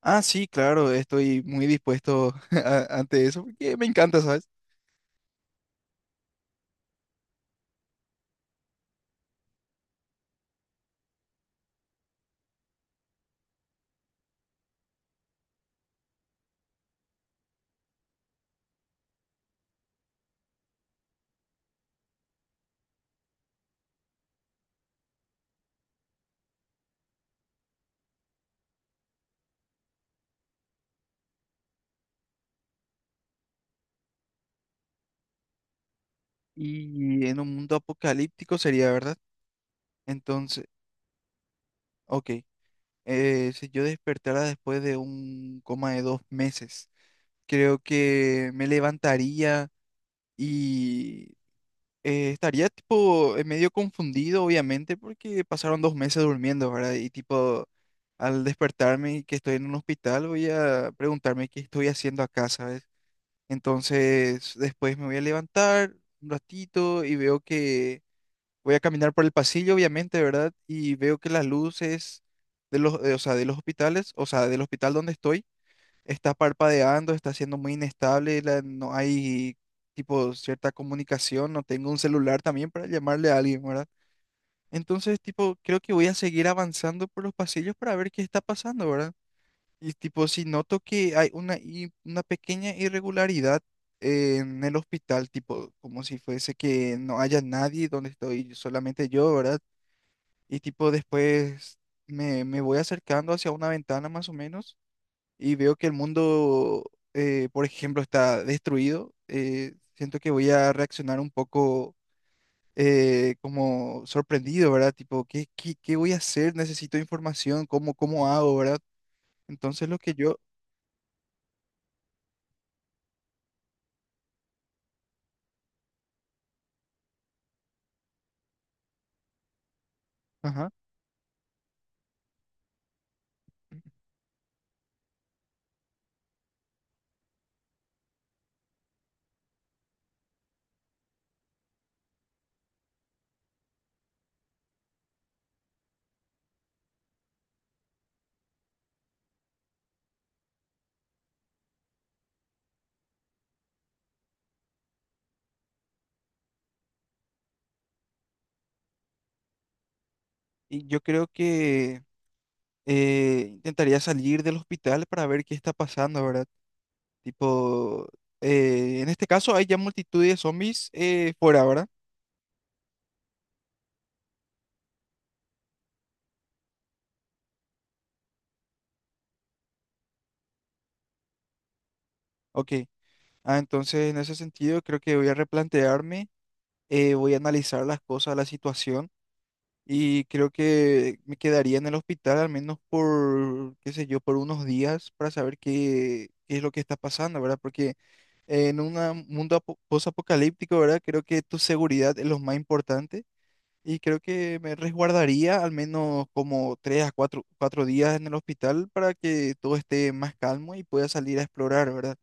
Ah, sí, claro, estoy muy dispuesto ante eso porque me encanta, ¿sabes? Y en un mundo apocalíptico sería, ¿verdad? Entonces, ok, si yo despertara después de un coma de 2 meses, creo que me levantaría y estaría tipo medio confundido, obviamente, porque pasaron 2 meses durmiendo, ¿verdad? Y tipo, al despertarme y que estoy en un hospital, voy a preguntarme qué estoy haciendo acá, ¿sabes? Entonces, después me voy a levantar un ratito y veo que voy a caminar por el pasillo, obviamente, ¿verdad? Y veo que las luces o sea, de los hospitales, o sea, del hospital donde estoy, está parpadeando, está siendo muy inestable, no hay tipo cierta comunicación, no tengo un celular también para llamarle a alguien, ¿verdad? Entonces, tipo, creo que voy a seguir avanzando por los pasillos para ver qué está pasando, ¿verdad? Y tipo, si noto que hay una pequeña irregularidad en el hospital, tipo, como si fuese que no haya nadie donde estoy solamente yo, ¿verdad? Y tipo, después me voy acercando hacia una ventana más o menos y veo que el mundo, por ejemplo, está destruido. Siento que voy a reaccionar un poco como sorprendido, ¿verdad? Tipo, ¿qué voy a hacer? Necesito información. Cómo hago? ¿Verdad? Entonces lo que yo... Ajá. Y yo creo que intentaría salir del hospital para ver qué está pasando, ¿verdad? Tipo, en este caso hay ya multitud de zombies fuera, ¿verdad? Ok. Ah, entonces en ese sentido creo que voy a replantearme, voy a analizar las cosas, la situación, y creo que me quedaría en el hospital al menos por, qué sé yo, por unos días para saber qué es lo que está pasando, ¿verdad? Porque en un mundo posapocalíptico, ¿verdad? Creo que tu seguridad es lo más importante. Y creo que me resguardaría al menos como tres a cuatro días en el hospital para que todo esté más calmo y pueda salir a explorar, ¿verdad?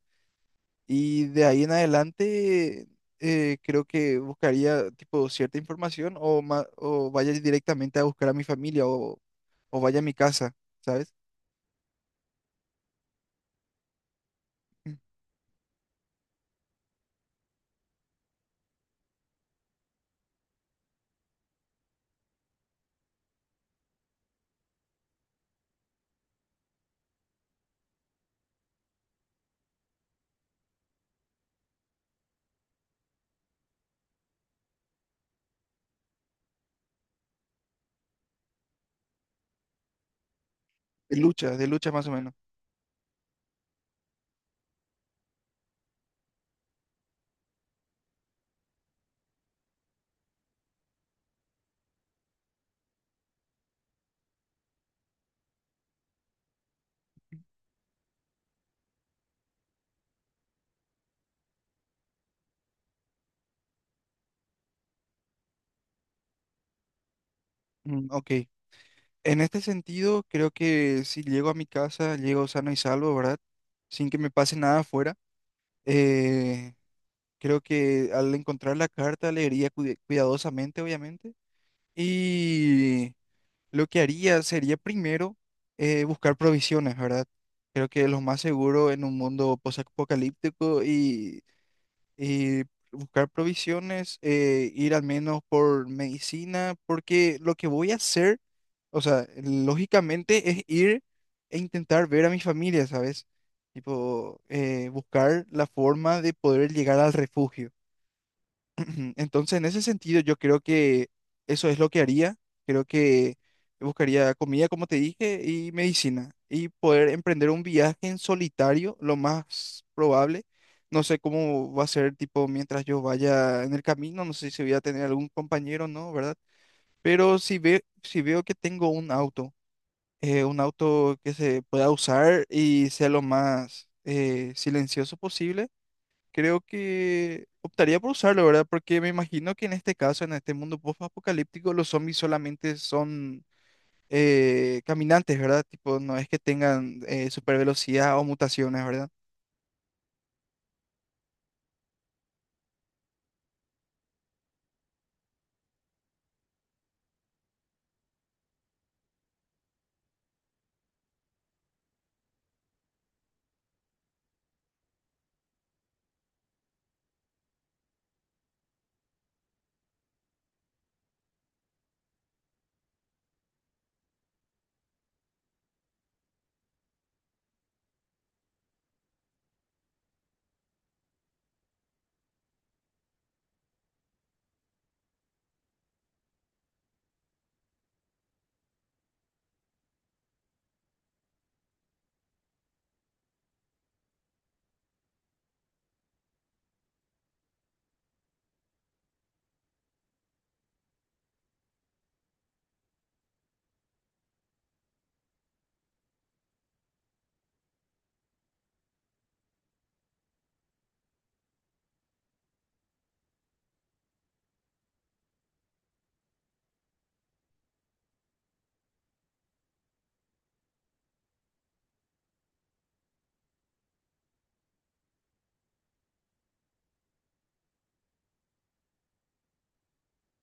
Y de ahí en adelante, creo que buscaría tipo cierta información, o vaya directamente a buscar a mi familia, o vaya a mi casa, ¿sabes? Mm, de lucha más o menos. Mm, ok. En este sentido, creo que si llego a mi casa, llego sano y salvo, ¿verdad? Sin que me pase nada afuera. eh, Creo que al encontrar la carta leería cuidadosamente, obviamente. Y lo que haría sería primero buscar provisiones, ¿verdad? Creo que lo más seguro en un mundo posapocalíptico, y buscar provisiones, ir al menos por medicina, porque lo que voy a hacer, o sea, lógicamente, es ir e intentar ver a mi familia, ¿sabes? Tipo, buscar la forma de poder llegar al refugio. Entonces, en ese sentido, yo creo que eso es lo que haría. Creo que buscaría comida, como te dije, y medicina, y poder emprender un viaje en solitario, lo más probable. No sé cómo va a ser, tipo, mientras yo vaya en el camino, no sé si voy a tener algún compañero no, ¿verdad? Pero si veo que tengo un auto que se pueda usar y sea lo más silencioso posible, creo que optaría por usarlo, ¿verdad? Porque me imagino que en este caso, en este mundo post-apocalíptico, los zombies solamente son caminantes, ¿verdad? Tipo, no es que tengan super velocidad o mutaciones, ¿verdad?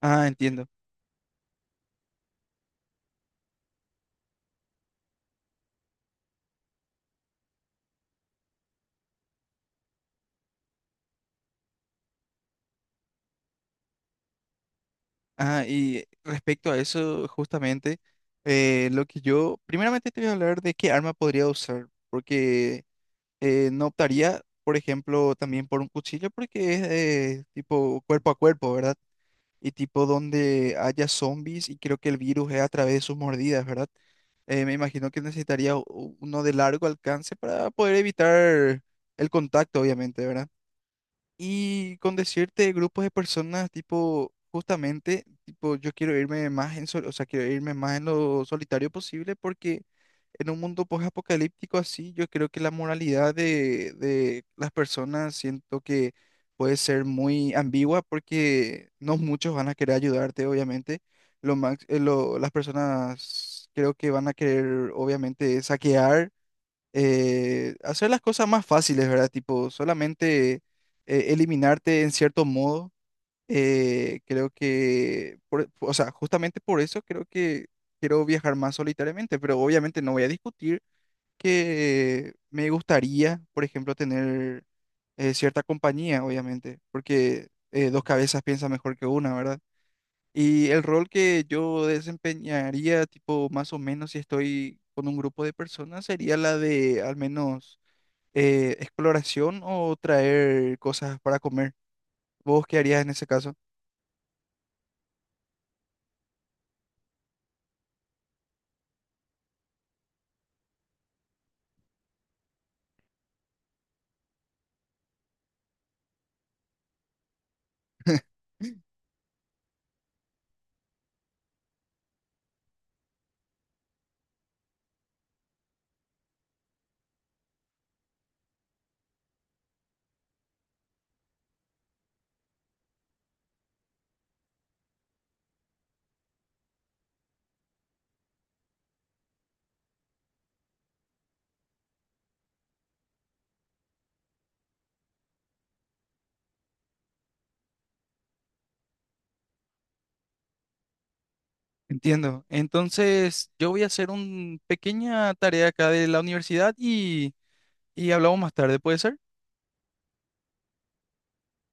Ah, entiendo. Ah, y respecto a eso, justamente, lo que yo, primeramente, te voy a hablar de qué arma podría usar, porque no optaría, por ejemplo, también por un cuchillo, porque es tipo cuerpo a cuerpo, ¿verdad? Y tipo donde haya zombies, y creo que el virus es a través de sus mordidas, ¿verdad? Me imagino que necesitaría uno de largo alcance para poder evitar el contacto, obviamente, ¿verdad? Y con decirte grupos de personas, tipo, justamente, tipo, yo quiero irme más o sea, quiero irme más en lo solitario posible, porque en un mundo post-apocalíptico así, yo creo que la moralidad de las personas, siento que puede ser muy ambigua porque no muchos van a querer ayudarte, obviamente. Las personas creo que van a querer, obviamente, saquear, hacer las cosas más fáciles, ¿verdad? Tipo, solamente eliminarte en cierto modo. Creo que, o sea, justamente por eso creo que quiero viajar más solitariamente, pero obviamente no voy a discutir que me gustaría, por ejemplo, tener cierta compañía, obviamente, porque dos cabezas piensan mejor que una, ¿verdad? Y el rol que yo desempeñaría, tipo, más o menos si estoy con un grupo de personas, sería la de al menos exploración o traer cosas para comer. ¿Vos qué harías en ese caso? Entiendo. Entonces, yo voy a hacer una pequeña tarea acá de la universidad, y hablamos más tarde, ¿puede ser?